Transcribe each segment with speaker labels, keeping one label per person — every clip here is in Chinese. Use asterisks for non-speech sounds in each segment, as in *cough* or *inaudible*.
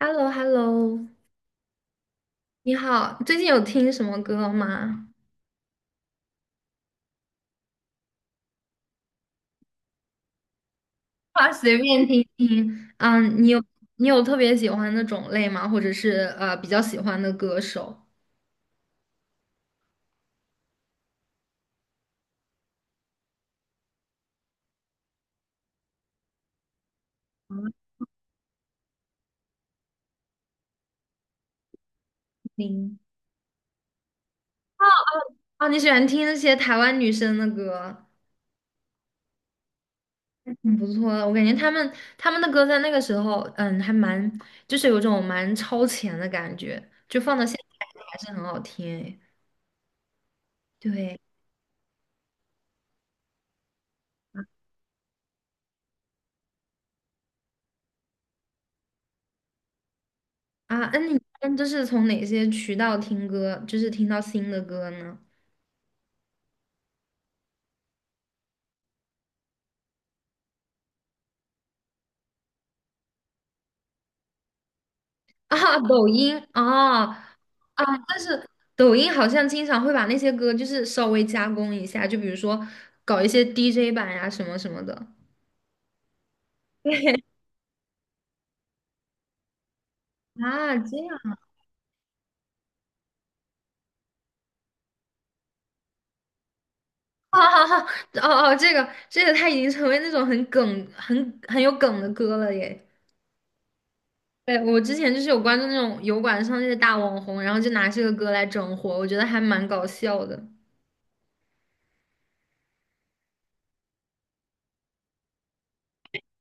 Speaker 1: h e l l o h e l l o 你好，最近有听什么歌吗？啊，随便听听。嗯，你有特别喜欢的种类吗？或者是比较喜欢的歌手？听，啊，你喜欢听那些台湾女生的歌，挺不错的。我感觉她们的歌在那个时候，还蛮就是有种蛮超前的感觉，就放到现在还是很好听诶。对啊，那你一般就是从哪些渠道听歌，就是听到新的歌呢？啊，抖音啊啊，但是抖音好像经常会把那些歌就是稍微加工一下，就比如说搞一些 DJ 版呀、什么什么的对，啊，这样。啊啊啊！哦哦，这个这个，它已经成为那种很梗、很有梗的歌了耶。对，我之前就是有关注那种油管上那些大网红，然后就拿这个歌来整活，我觉得还蛮搞笑的。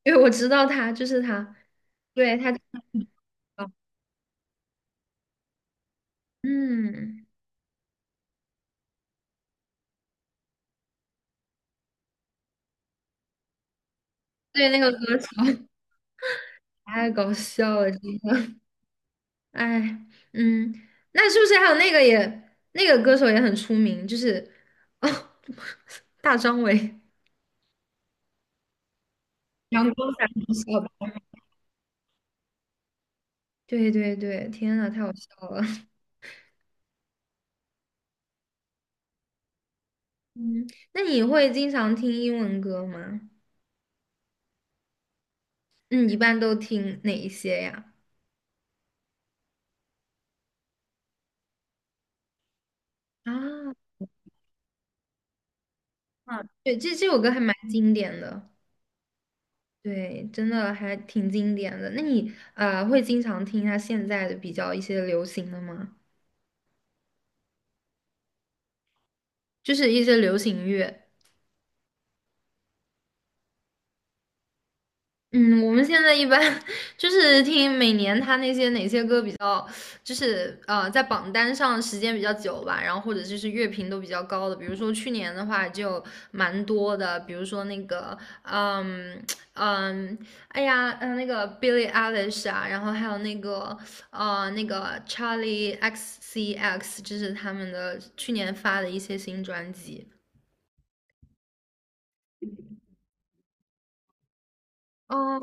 Speaker 1: 因为我知道他就是他，对他，嗯，对那个歌词。太搞笑了，真的。哎，嗯，那是不是还有那个也那个歌手也很出名，就是哦，*laughs* 大张伟。阳光伞不笑吧。对对对，天呐，太好笑了。*laughs* 嗯，那你会经常听英文歌吗？嗯，一般都听哪一些呀？啊，啊，对，这首歌还蛮经典的，对，真的还挺经典的。那你会经常听他现在的比较一些流行的吗？就是一些流行乐。嗯，我们现在一般 *laughs* 就是听每年他那些哪些歌比较，就是在榜单上时间比较久吧，然后或者就是乐评都比较高的，比如说去年的话就蛮多的，比如说那个嗯，哎呀，那个 Billie Eilish 啊，然后还有那个 Charlie XCX，这是他们的去年发的一些新专辑。哦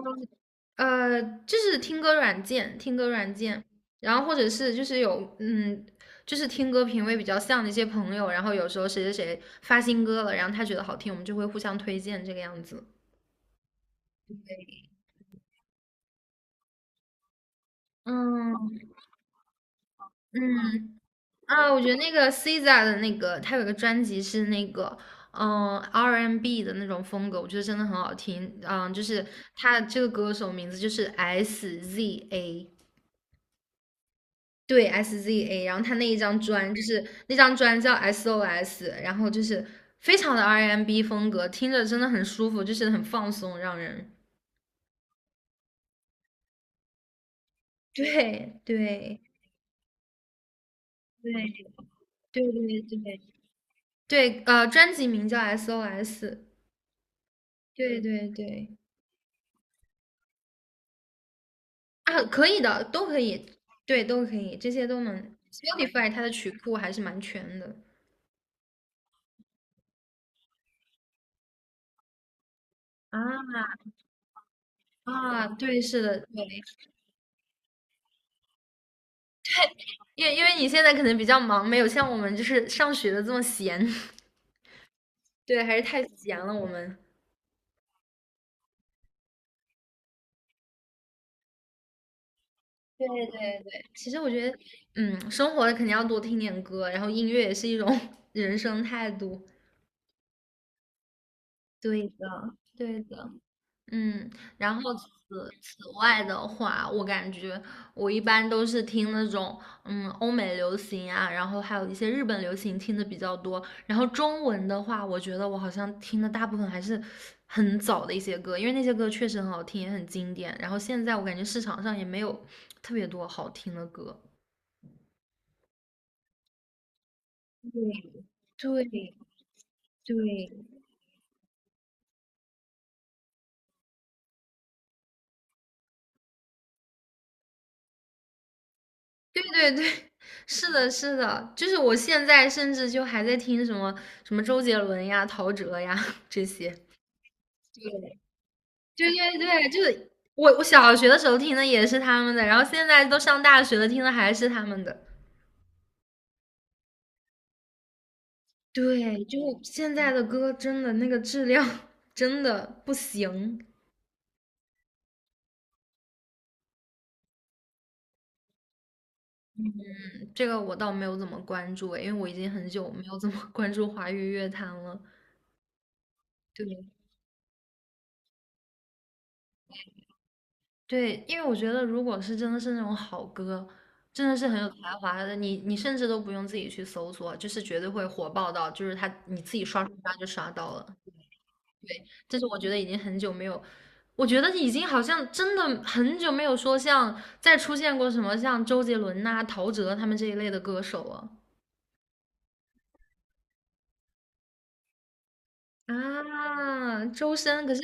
Speaker 1: 就是听歌软件，然后或者是就是有就是听歌品味比较像的一些朋友，然后有时候谁谁谁发新歌了，然后他觉得好听，我们就会互相推荐这个样子。嗯，嗯啊，我觉得那个 SZA 的那个，他有个专辑是那个R&B 的那种风格，我觉得真的很好听。嗯，就是他这个歌手名字就是 SZA。对 SZA，然后他那张专叫 SOS，然后就是非常的 R&B 风格，听着真的很舒服，就是很放松，让人 *laughs* 对对对对对对对，专辑名叫 SOS，对对对啊，可以的，都可以，对，都可以，这些都能。Spotify 它的曲库还是蛮全的啊啊，对，是的，对，因为你现在可能比较忙，没有像我们就是上学的这么闲。*laughs* 对，还是太闲了，我们。对对对，其实我觉得，嗯，生活肯定要多听点歌，然后音乐也是一种 *laughs* 人生态度。对的，对的。嗯，然后此外的话，我感觉我一般都是听那种欧美流行啊，然后还有一些日本流行听的比较多。然后中文的话，我觉得我好像听的大部分还是很早的一些歌，因为那些歌确实很好听，也很经典。然后现在我感觉市场上也没有特别多好听的歌。对对对，对对对，是的，是的，就是我现在甚至就还在听什么什么周杰伦呀、陶喆呀这些。对，对对对，就是我小学的时候听的也是他们的，然后现在都上大学了，听的还是他们的。对，就现在的歌真的那个质量 *laughs* 真的不行，这个我倒没有怎么关注诶，因为我已经很久没有怎么 *laughs* 关注华语乐坛了。对，对，因为我觉得，如果是真的是那种好歌，真的是很有才华的，你甚至都不用自己去搜索，就是绝对会火爆到，就是他你自己刷刷刷就刷到了。这是我觉得已经很久没有，我觉得已经好像真的很久没有说像再出现过什么像周杰伦呐、陶喆他们这一类的歌手了。啊，周深，可是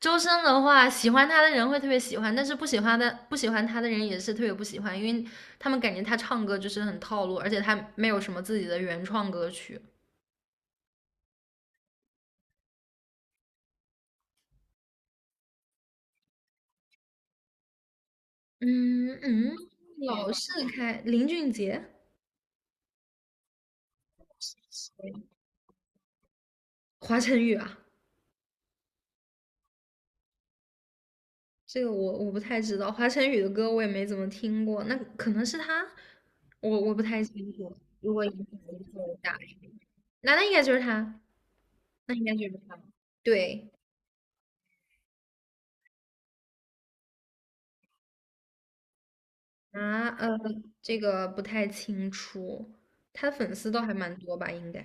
Speaker 1: 周深的话，喜欢他的人会特别喜欢，但是不喜欢的不喜欢他的人也是特别不喜欢，因为他们感觉他唱歌就是很套路，而且他没有什么自己的原创歌曲。嗯嗯，老是开林俊杰、华晨宇啊，这个我不太知道，华晨宇的歌我也没怎么听过，那可能是他，我不太清楚。如果影响力这么大，那应该就是他，那应该就是他，对。啊，这个不太清楚，他粉丝倒还蛮多吧，应该。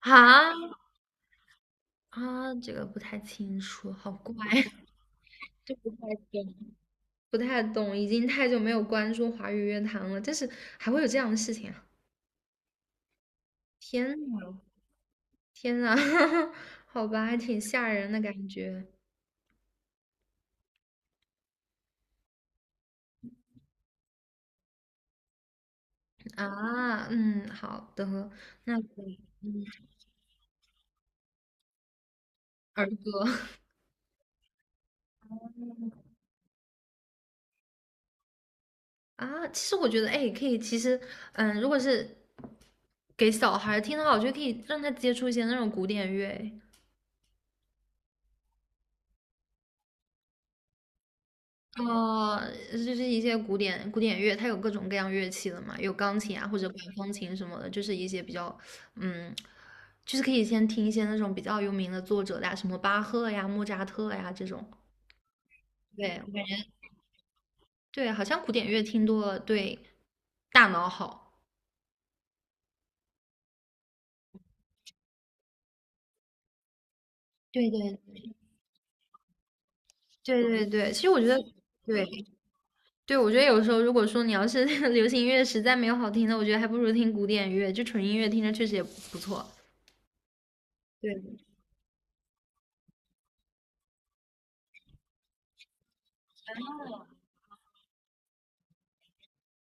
Speaker 1: 啊啊，这个不太清楚，好怪，*laughs* 就不太懂，不太懂，已经太久没有关注华语乐坛了，但是还会有这样的事情啊！天呐，天呐，*laughs* 好吧，还挺吓人的感觉啊。嗯，好的，那个儿歌 *laughs* 啊，其实我觉得，哎，可以，其实，嗯，如果是给小孩儿听的话，我觉得可以让他接触一些那种古典乐，就是一些古典乐，它有各种各样乐器的嘛，有钢琴啊或者管风琴什么的，就是一些比较，嗯，就是可以先听一些那种比较有名的作者的呀，什么巴赫呀、莫扎特呀这种。对，我感觉对，好像古典乐听多了对大脑好。对对对对对，其实我觉得对对，我觉得有时候如果说你要是 *laughs* 流行音乐实在没有好听的，我觉得还不如听古典乐，就纯音乐听着确实也不错。对，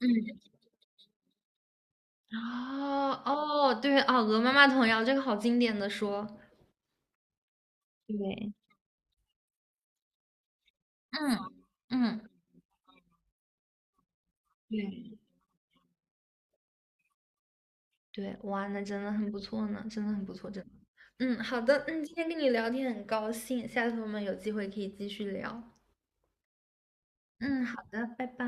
Speaker 1: 嗯，哦哦，对哦，鹅妈妈童谣这个好经典的说，对，嗯嗯，对，对，哇，那真的很不错呢，真的很不错，真的。嗯，好的，嗯，今天跟你聊天很高兴，下次我们有机会可以继续聊。嗯，好的，拜拜。